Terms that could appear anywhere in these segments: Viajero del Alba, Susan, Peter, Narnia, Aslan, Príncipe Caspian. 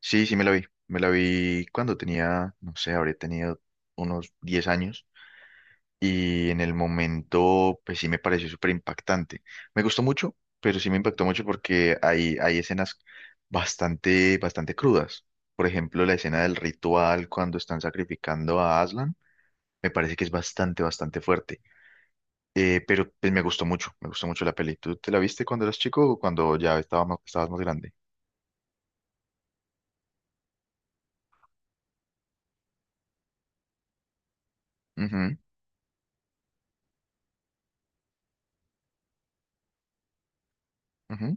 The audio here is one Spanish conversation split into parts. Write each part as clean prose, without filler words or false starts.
Sí, sí me la vi. Me la vi cuando tenía, no sé, habré tenido unos 10 años y en el momento, pues sí me pareció súper impactante. Me gustó mucho, pero sí me impactó mucho porque hay escenas bastante, bastante crudas. Por ejemplo, la escena del ritual cuando están sacrificando a Aslan, me parece que es bastante, bastante fuerte. Pero pues, me gustó mucho la peli. ¿Tú te la viste cuando eras chico o cuando ya estabas más grande? Ujú, ujú,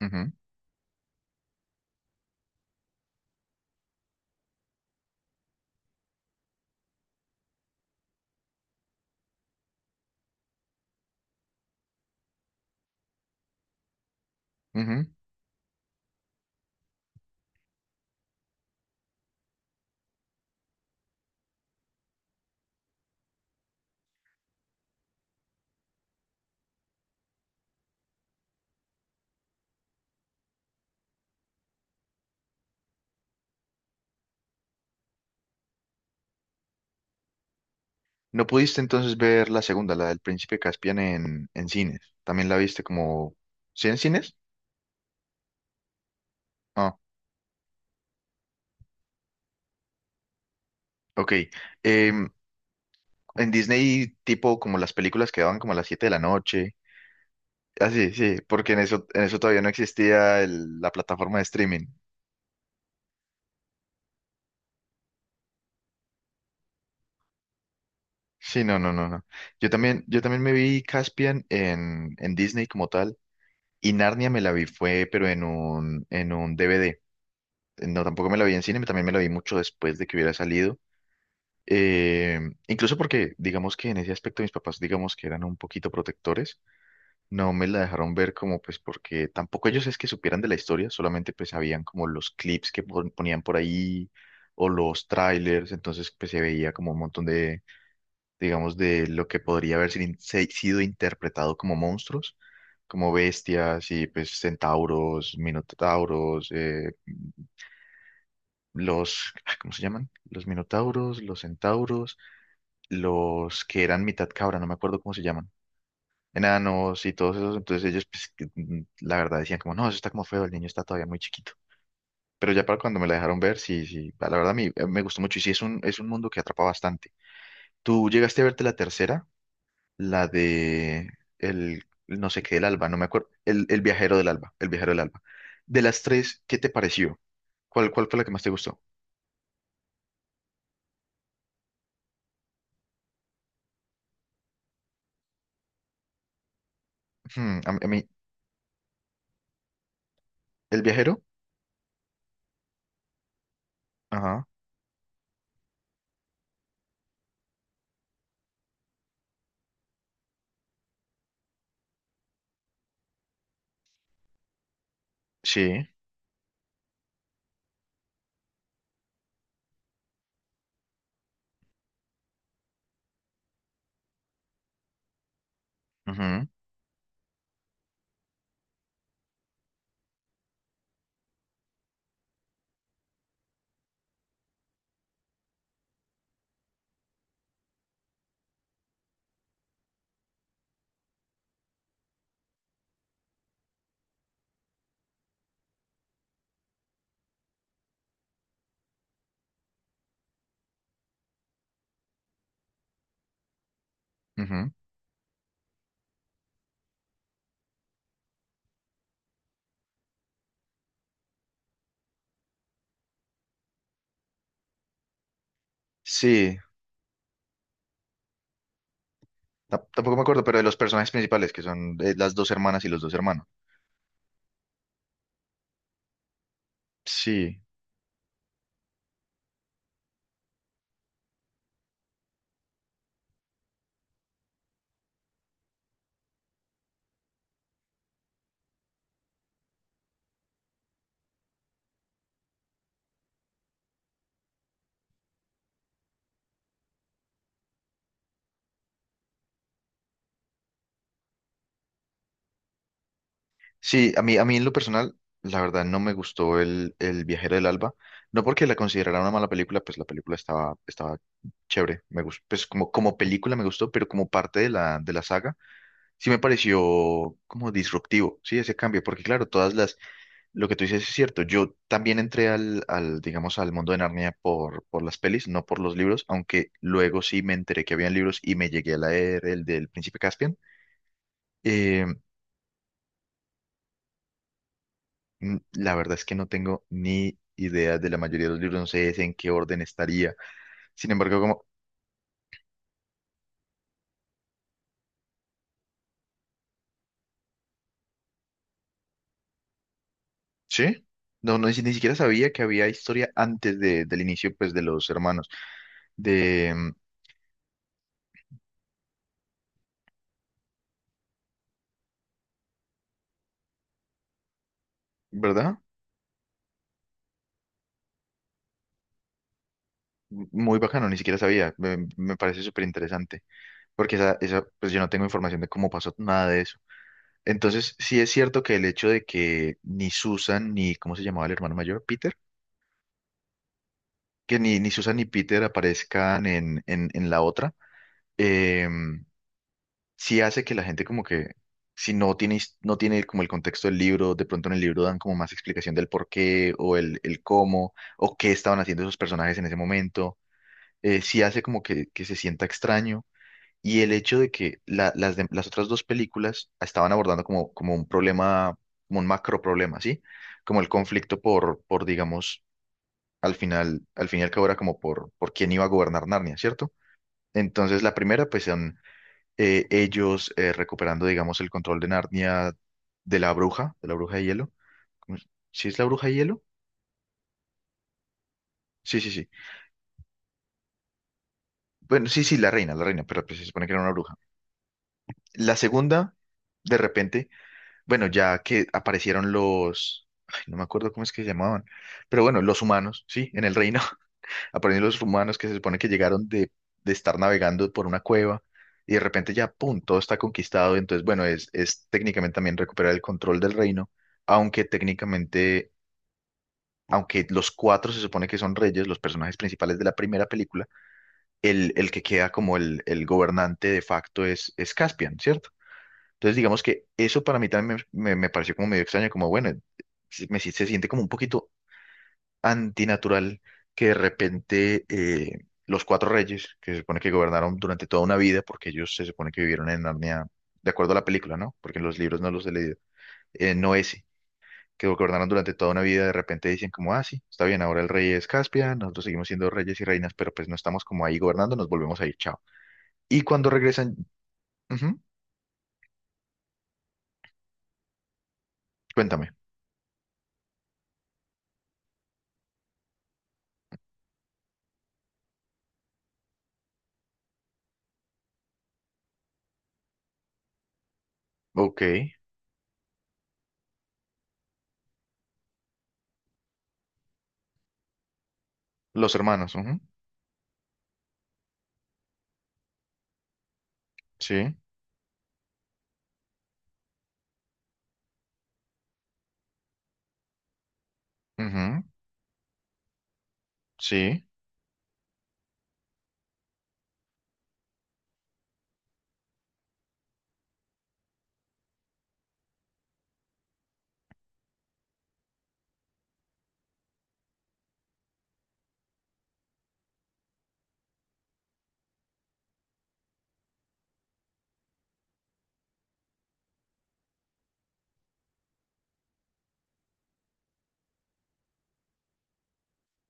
ujú, ujú. No pudiste entonces ver la segunda, la del Príncipe Caspian en cines. También la viste como. ¿Sí en cines? Ah, ok. Em, en Disney, tipo como las películas que daban como a las 7 de la noche. Ah, sí, sí, porque en eso todavía no existía la plataforma de streaming. Sí, no, no, no, no. Yo también me vi Caspian en Disney como tal. Y Narnia me la vi fue, pero en un DVD. No, tampoco me la vi en cine, también me la vi mucho después de que hubiera salido. Eh, incluso porque, digamos que en ese aspecto mis papás, digamos que eran un poquito protectores, no me la dejaron ver como pues porque tampoco ellos es que supieran de la historia, solamente pues sabían como los clips que ponían por ahí o los trailers, entonces pues se veía como un montón de, digamos, de lo que podría haber sido interpretado como monstruos, como bestias y pues centauros, minotauros, ah, ¿cómo se llaman? Los minotauros, los centauros. Los que eran mitad cabra, no me acuerdo cómo se llaman, enanos y todos esos, entonces ellos, pues, la verdad decían como, no, eso está como feo, el niño está todavía muy chiquito. Pero ya para cuando me la dejaron ver, sí, sí, la verdad a mí me gustó mucho y sí, es un, mundo que atrapa bastante. ¿Tú llegaste a verte la tercera? La de no sé qué del Alba, no me acuerdo, el viajero del Alba, el viajero del Alba. De las tres, ¿qué te pareció? ¿Cuál fue la que más te gustó? Hmm, a mí, a mí- ¿el viajero? Ajá, sí, ujú, ujú. Sí, tampoco me acuerdo, pero de los personajes principales, que son las dos hermanas y los dos hermanos. Sí, sí, a mí en lo personal, la verdad no me gustó el Viajero del Alba. No porque la considerara una mala película, pues la película estaba chévere. Me gustó, pues como película me gustó, pero como parte de la saga, sí me pareció como disruptivo, sí, ese cambio, porque claro, lo que tú dices es cierto. Yo también entré digamos, al mundo de Narnia por las pelis, no por los libros, aunque luego sí me enteré que habían libros y me llegué a leer el del Príncipe Caspian. Eh, la verdad es que no tengo ni idea de la mayoría de los libros, no sé en qué orden estaría. Sin embargo, como, ¿sí? No, no, ni siquiera sabía que había historia antes del inicio, pues, de los hermanos. De, mm, ¿verdad? Muy bacano, ni siquiera sabía. Me parece súper interesante. Porque esa, pues yo no tengo información de cómo pasó nada de eso. Entonces, sí es cierto que el hecho de que ni Susan ni, ¿cómo se llamaba el hermano mayor? Peter, que ni Susan ni Peter aparezcan en la otra, eh, sí hace que la gente como que, si no tiene, no tiene como el contexto del libro, de pronto en el libro dan como más explicación del por qué o el cómo o qué estaban haciendo esos personajes en ese momento, sí hace como que se sienta extraño. Y el hecho de que las otras dos películas estaban abordando como un problema, como un macro problema, ¿sí? Como el conflicto por digamos, al final, al fin y al cabo era como por quién iba a gobernar Narnia, ¿cierto? Entonces la primera, pues son ellos recuperando, digamos, el control de Narnia de la bruja de hielo. ¿Cómo es? ¿Sí es la bruja de hielo? Sí, sí, sí. Bueno, sí, sí, la reina, pero pues, se supone que era una bruja. La segunda, de repente bueno, ya que aparecieron ay, no me acuerdo cómo es que se llamaban, pero bueno, los humanos, sí, en el reino aparecieron los humanos que se supone que llegaron de estar navegando por una cueva y de repente ya, pum, todo está conquistado, entonces bueno, es técnicamente también recuperar el control del reino, aunque técnicamente, aunque los cuatro se supone que son reyes, los personajes principales de la primera película, el que queda como el gobernante de facto es Caspian, ¿cierto? Entonces, digamos que eso para mí también me pareció como medio extraño, como bueno, se- me, si- se siente como un poquito antinatural que de repente los cuatro reyes, que se supone que gobernaron durante toda una vida, porque ellos se supone que vivieron en Narnia, de acuerdo a la película, ¿no? Porque en los libros no los he leído, no ese, que gobernaron durante toda una vida, de repente dicen como, ah, sí, está bien, ahora el rey es Caspian, nosotros seguimos siendo reyes y reinas, pero pues no estamos como ahí gobernando, nos volvemos a ir, chao. Y cuando regresan, ujú, cuéntame, ok, los hermanos, ujú, sí. Ujú, sí,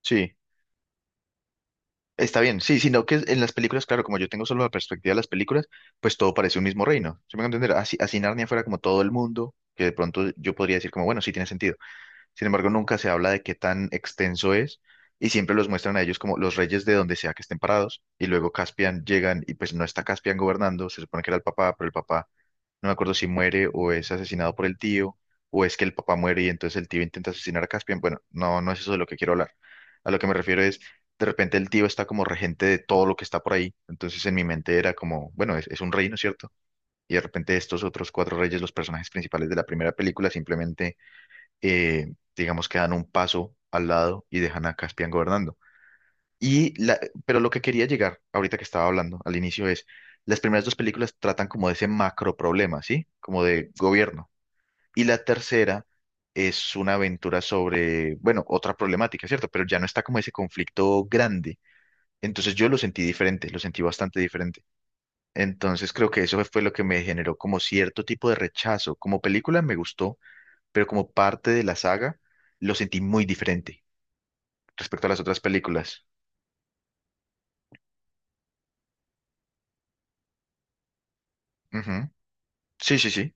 sí, está bien. Sí, sino que en las películas, claro, como yo tengo solo la perspectiva de las películas, pues todo parece un mismo reino. ¿Sí me van entender? Así, así Narnia fuera como todo el mundo, que de pronto yo podría decir como, bueno, sí tiene sentido. Sin embargo, nunca se habla de qué tan extenso es y siempre los muestran a ellos como los reyes de donde sea que estén parados y luego Caspian llegan y pues no está Caspian gobernando, se supone que era el papá, pero el papá. No me acuerdo si muere o es asesinado por el tío, o es que el papá muere y entonces el tío intenta asesinar a Caspian. Bueno, no, no es eso de lo que quiero hablar. A lo que me refiero es, de repente el tío está como regente de todo lo que está por ahí. Entonces en mi mente era como, bueno, es un reino, ¿cierto? Y de repente estos otros cuatro reyes, los personajes principales de la primera película, simplemente, digamos que dan un paso al lado y dejan a Caspian gobernando. Y la, pero lo que quería llegar, ahorita que estaba hablando al inicio, es, las primeras dos películas tratan como de ese macro problema, ¿sí? Como de gobierno. Y la tercera es una aventura sobre, bueno, otra problemática, ¿cierto? Pero ya no está como ese conflicto grande. Entonces yo lo sentí diferente, lo sentí bastante diferente. Entonces creo que eso fue lo que me generó como cierto tipo de rechazo. Como película me gustó, pero como parte de la saga lo sentí muy diferente respecto a las otras películas. Ujú. Sí, sí, sí.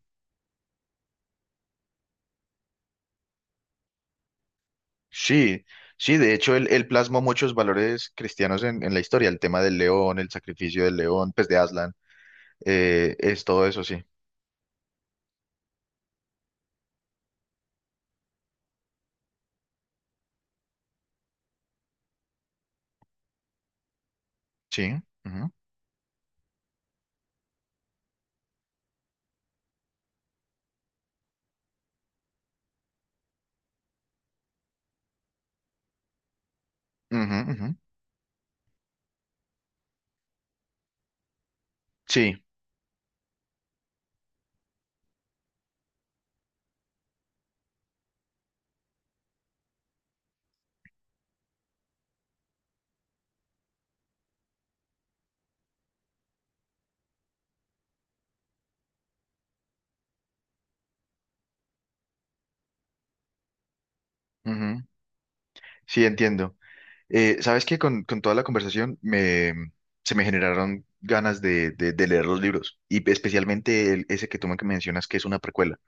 Sí, sí, de hecho él plasmó muchos valores cristianos en la historia, el tema del león, el sacrificio del león, pues de Aslan, es todo eso, sí, sí, ujú, ujú, sí, ujú, sí, entiendo. Sabes que con toda la conversación se me generaron ganas de leer los libros, y especialmente ese que tú me mencionas que es una precuela.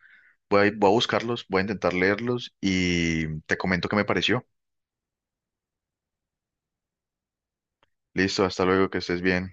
Voy a buscarlos, voy a intentar leerlos y te comento qué me pareció. Listo, hasta luego, que estés bien.